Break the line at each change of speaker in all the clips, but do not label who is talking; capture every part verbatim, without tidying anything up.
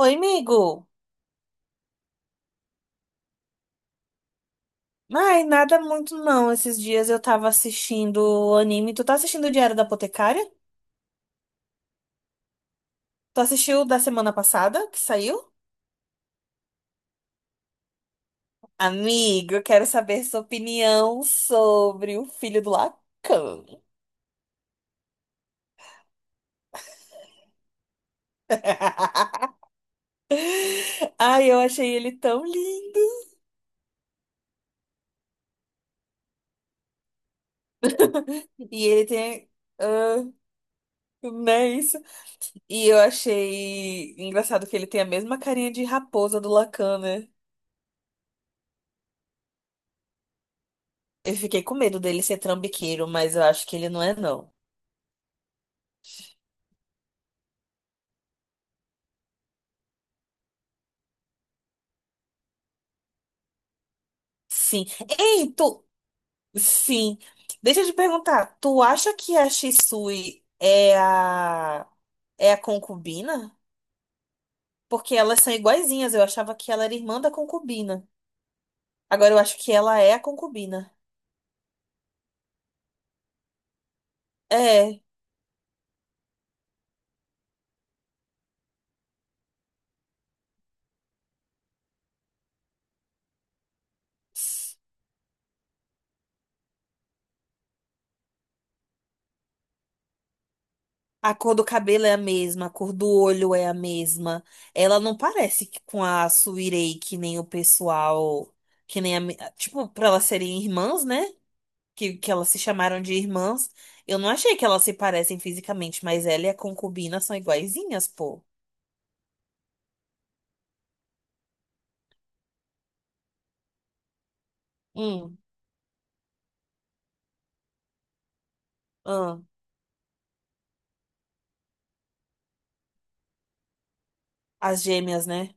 Oi, amigo. Ai, nada muito não. Esses dias eu tava assistindo anime. Tu tá assistindo o Diário da Apotecária? Tu assistiu o da semana passada que saiu? Amigo, eu quero saber sua opinião sobre o filho do Lacan. Ai, eu achei ele tão lindo. E ele tem. Ah, não é isso? E eu achei engraçado que ele tem a mesma carinha de raposa do Lacan, né? Eu fiquei com medo dele ser trambiqueiro, mas eu acho que ele não é, não. Sim. Ei, tu. Sim. Deixa eu te perguntar, tu acha que a Shisui é a é a concubina? Porque elas são iguaizinhas. Eu achava que ela era irmã da concubina. Agora eu acho que ela é a concubina. É. A cor do cabelo é a mesma, a cor do olho é a mesma. Ela não parece que- com a Suirei, que nem o pessoal, que nem a, mi- tipo, pra elas serem irmãs, né? que, que elas se chamaram de irmãs, eu não achei que elas se parecem fisicamente, mas ela e a concubina são iguaizinhas, pô. Hum, Ah, as gêmeas, né?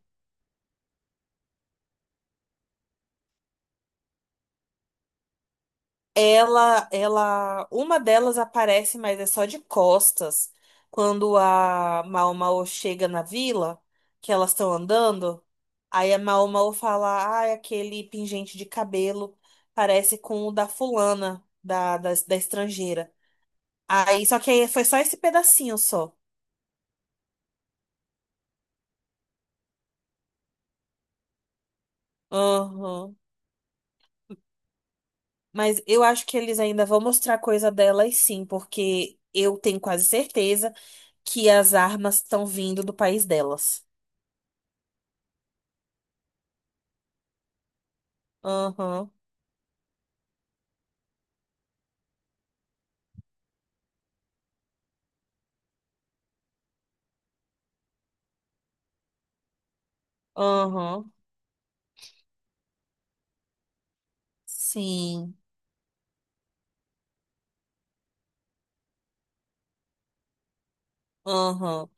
Ela, ela, uma delas aparece, mas é só de costas. Quando a Mao Mao chega na vila, que elas estão andando, aí a Mao Mao fala, ah, aquele pingente de cabelo parece com o da fulana, da, da, da estrangeira. Aí, só que aí foi só esse pedacinho só. Aham. Mas eu acho que eles ainda vão mostrar coisa delas sim, porque eu tenho quase certeza que as armas estão vindo do país delas. Aham, aham, sim, aham.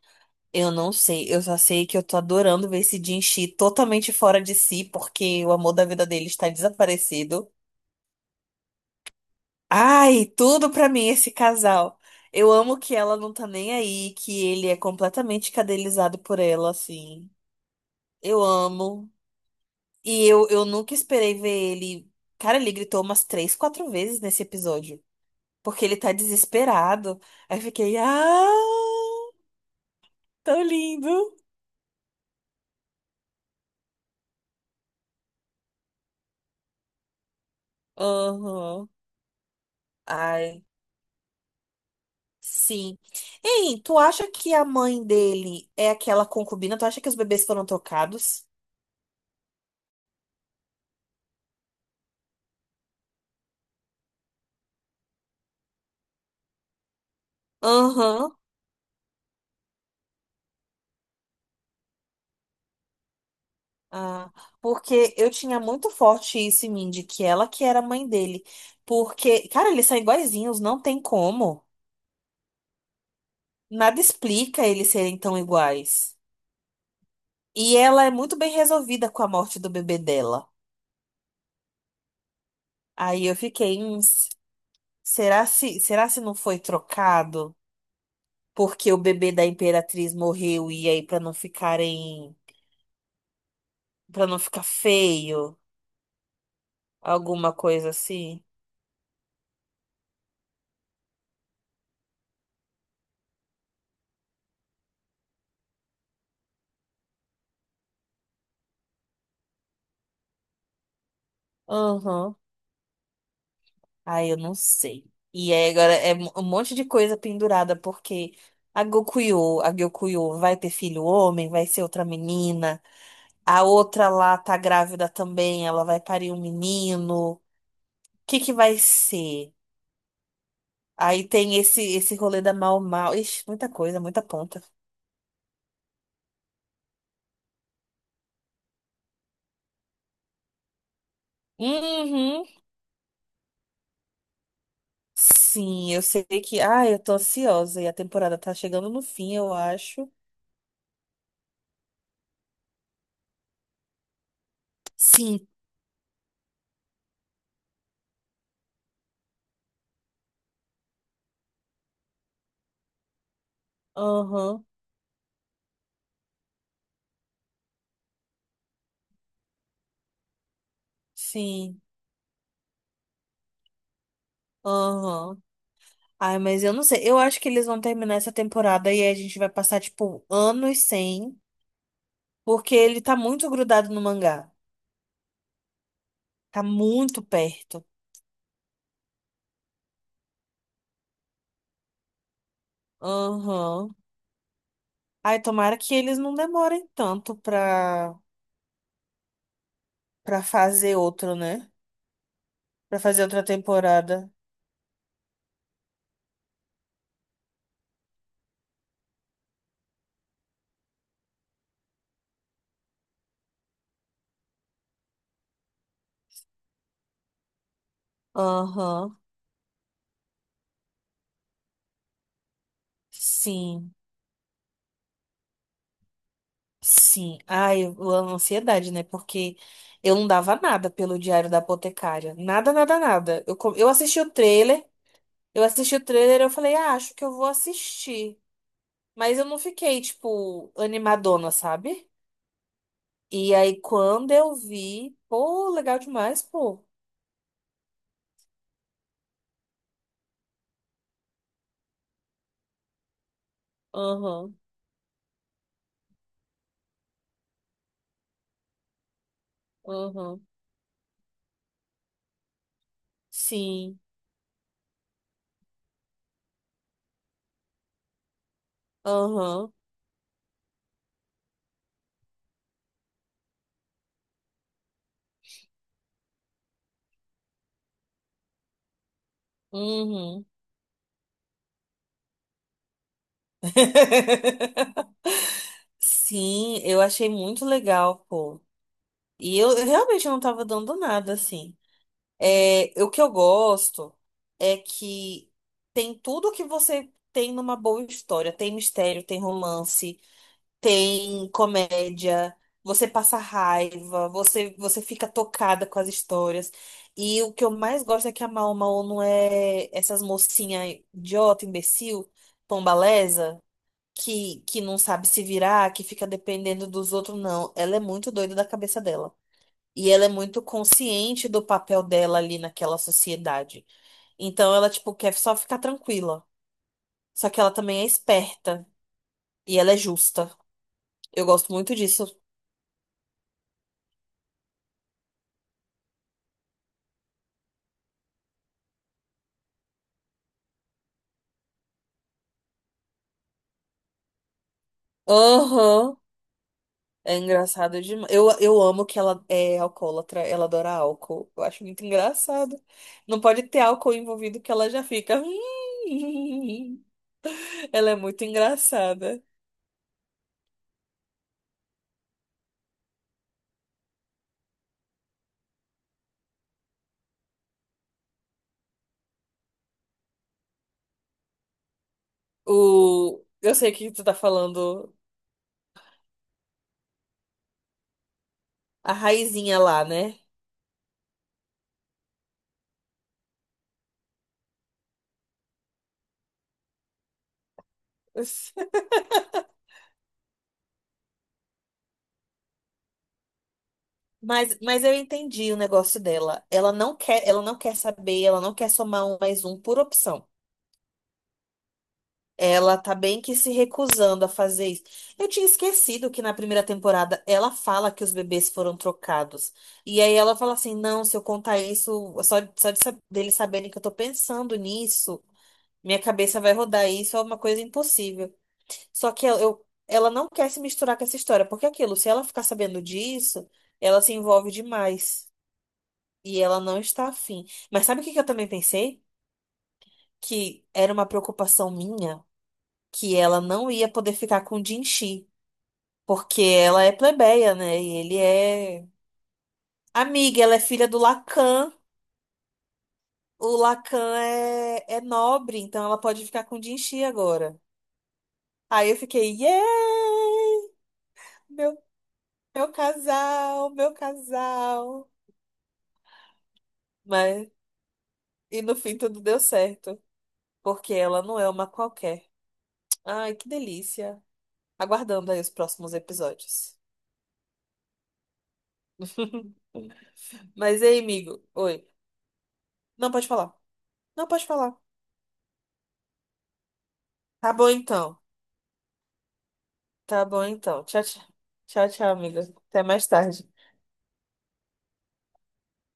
Eu não sei, eu só sei que eu tô adorando ver esse Jinxi totalmente fora de si, porque o amor da vida dele está desaparecido. Ai, tudo pra mim esse casal. Eu amo que ela não tá nem aí, que ele é completamente cadelizado por ela, assim. Eu amo. E eu, eu nunca esperei ver ele. Cara, ele gritou umas três, quatro vezes nesse episódio. Porque ele tá desesperado. Aí eu fiquei, ah, tão lindo. Aham. Ai, sim. Ei, tu acha que a mãe dele é aquela concubina? Tu acha que os bebês foram trocados? Aham. Ah, porque eu tinha muito forte isso em mim, de que ela que era a mãe dele. Porque, cara, eles são iguaizinhos, não tem como. Nada explica eles serem tão iguais. E ela é muito bem resolvida com a morte do bebê dela. Aí eu fiquei, "Hum, s- será se, será se não foi trocado? Porque o bebê da Imperatriz morreu e aí para não ficarem, para não ficar feio, alguma coisa assim. Aham. Aí eu não sei. E aí agora é um um monte de coisa pendurada porque a Gokuyo, a Gyokuyo vai ter filho homem, vai ser outra menina. A outra lá tá grávida também, ela vai parir um menino. que que vai ser? Aí tem esse esse rolê da Mau Mau. Ixi, muita coisa, muita ponta. Uhum. Sim, eu sei que. Ah, eu tô ansiosa e a temporada tá chegando no fim, eu acho. Sim. Aham. Sim. Aham. Ai, mas eu não sei. Eu acho que eles vão terminar essa temporada e aí a gente vai passar, tipo, anos sem, porque ele tá muito grudado no mangá. Tá muito perto. Aham. Ai, tomara que eles não demorem tanto pra. Pra fazer outro, né? Pra fazer outra temporada. Aham, sim, sim. Ai, eu- a ansiedade, né? Porque eu não dava nada pelo Diário da Apotecária. Nada, nada, nada. Eu, co- eu assisti o trailer, eu assisti o trailer, eu falei, ah, acho que eu vou assistir. Mas eu não fiquei, tipo, animadona, sabe? E aí, quando eu vi, pô, legal demais, pô. Aham, aham, sim, aham, uhum. Sim, eu achei muito legal, pô. E eu eu realmente não tava dando nada, assim. É, o que eu gosto é que tem tudo que você tem numa boa história. Tem mistério, tem romance, tem comédia, você passa raiva, você, você fica tocada com as histórias. E o que eu mais gosto é que a Mau Mau não é essas mocinhas idiota, imbecil, pombalesa que, que não sabe se virar, que fica dependendo dos outros, não. Ela é muito doida da cabeça dela. E ela é muito consciente do papel dela ali naquela sociedade. Então ela, tipo, quer só ficar tranquila. Só que ela também é esperta. E ela é justa. Eu gosto muito disso. Aham. É engraçado demais. Eu, eu amo que ela é alcoólatra, ela adora álcool. Eu acho muito engraçado. Não pode ter álcool envolvido que ela já fica. Ela é muito engraçada. O... Eu sei que tu tá falando a raizinha lá, né? Mas, mas eu entendi o negócio dela. Ela não quer, ela não quer saber, ela não quer somar um mais um por opção. Ela tá bem que se recusando a fazer isso. Eu tinha esquecido que na primeira temporada ela fala que os bebês foram trocados. E aí ela fala assim: não, se eu contar isso, só, só de, sa- deles saberem que eu tô pensando nisso, minha cabeça vai rodar. Isso é uma coisa impossível. Só que eu, eu- ela não quer se misturar com essa história, porque é aquilo, se ela ficar sabendo disso, ela se envolve demais. E ela não está afim. Mas sabe o que que eu também pensei? Que era uma preocupação minha que ela não ia poder ficar com o Jinxi. Porque ela é plebeia, né? E ele é amiga, ela é filha do Lacan. O Lacan é, é nobre, então ela pode ficar com o Jinxi agora. Aí eu fiquei, yeah! Meu, meu casal, meu casal. Mas e no fim tudo deu certo, porque ela não é uma qualquer. Ai, que delícia. Aguardando aí os próximos episódios. Mas ei, amigo. Oi. Não pode falar. Não pode falar. Tá bom então. Tá bom então. Tchau, tchau. Tchau, tchau, amiga. Até mais tarde.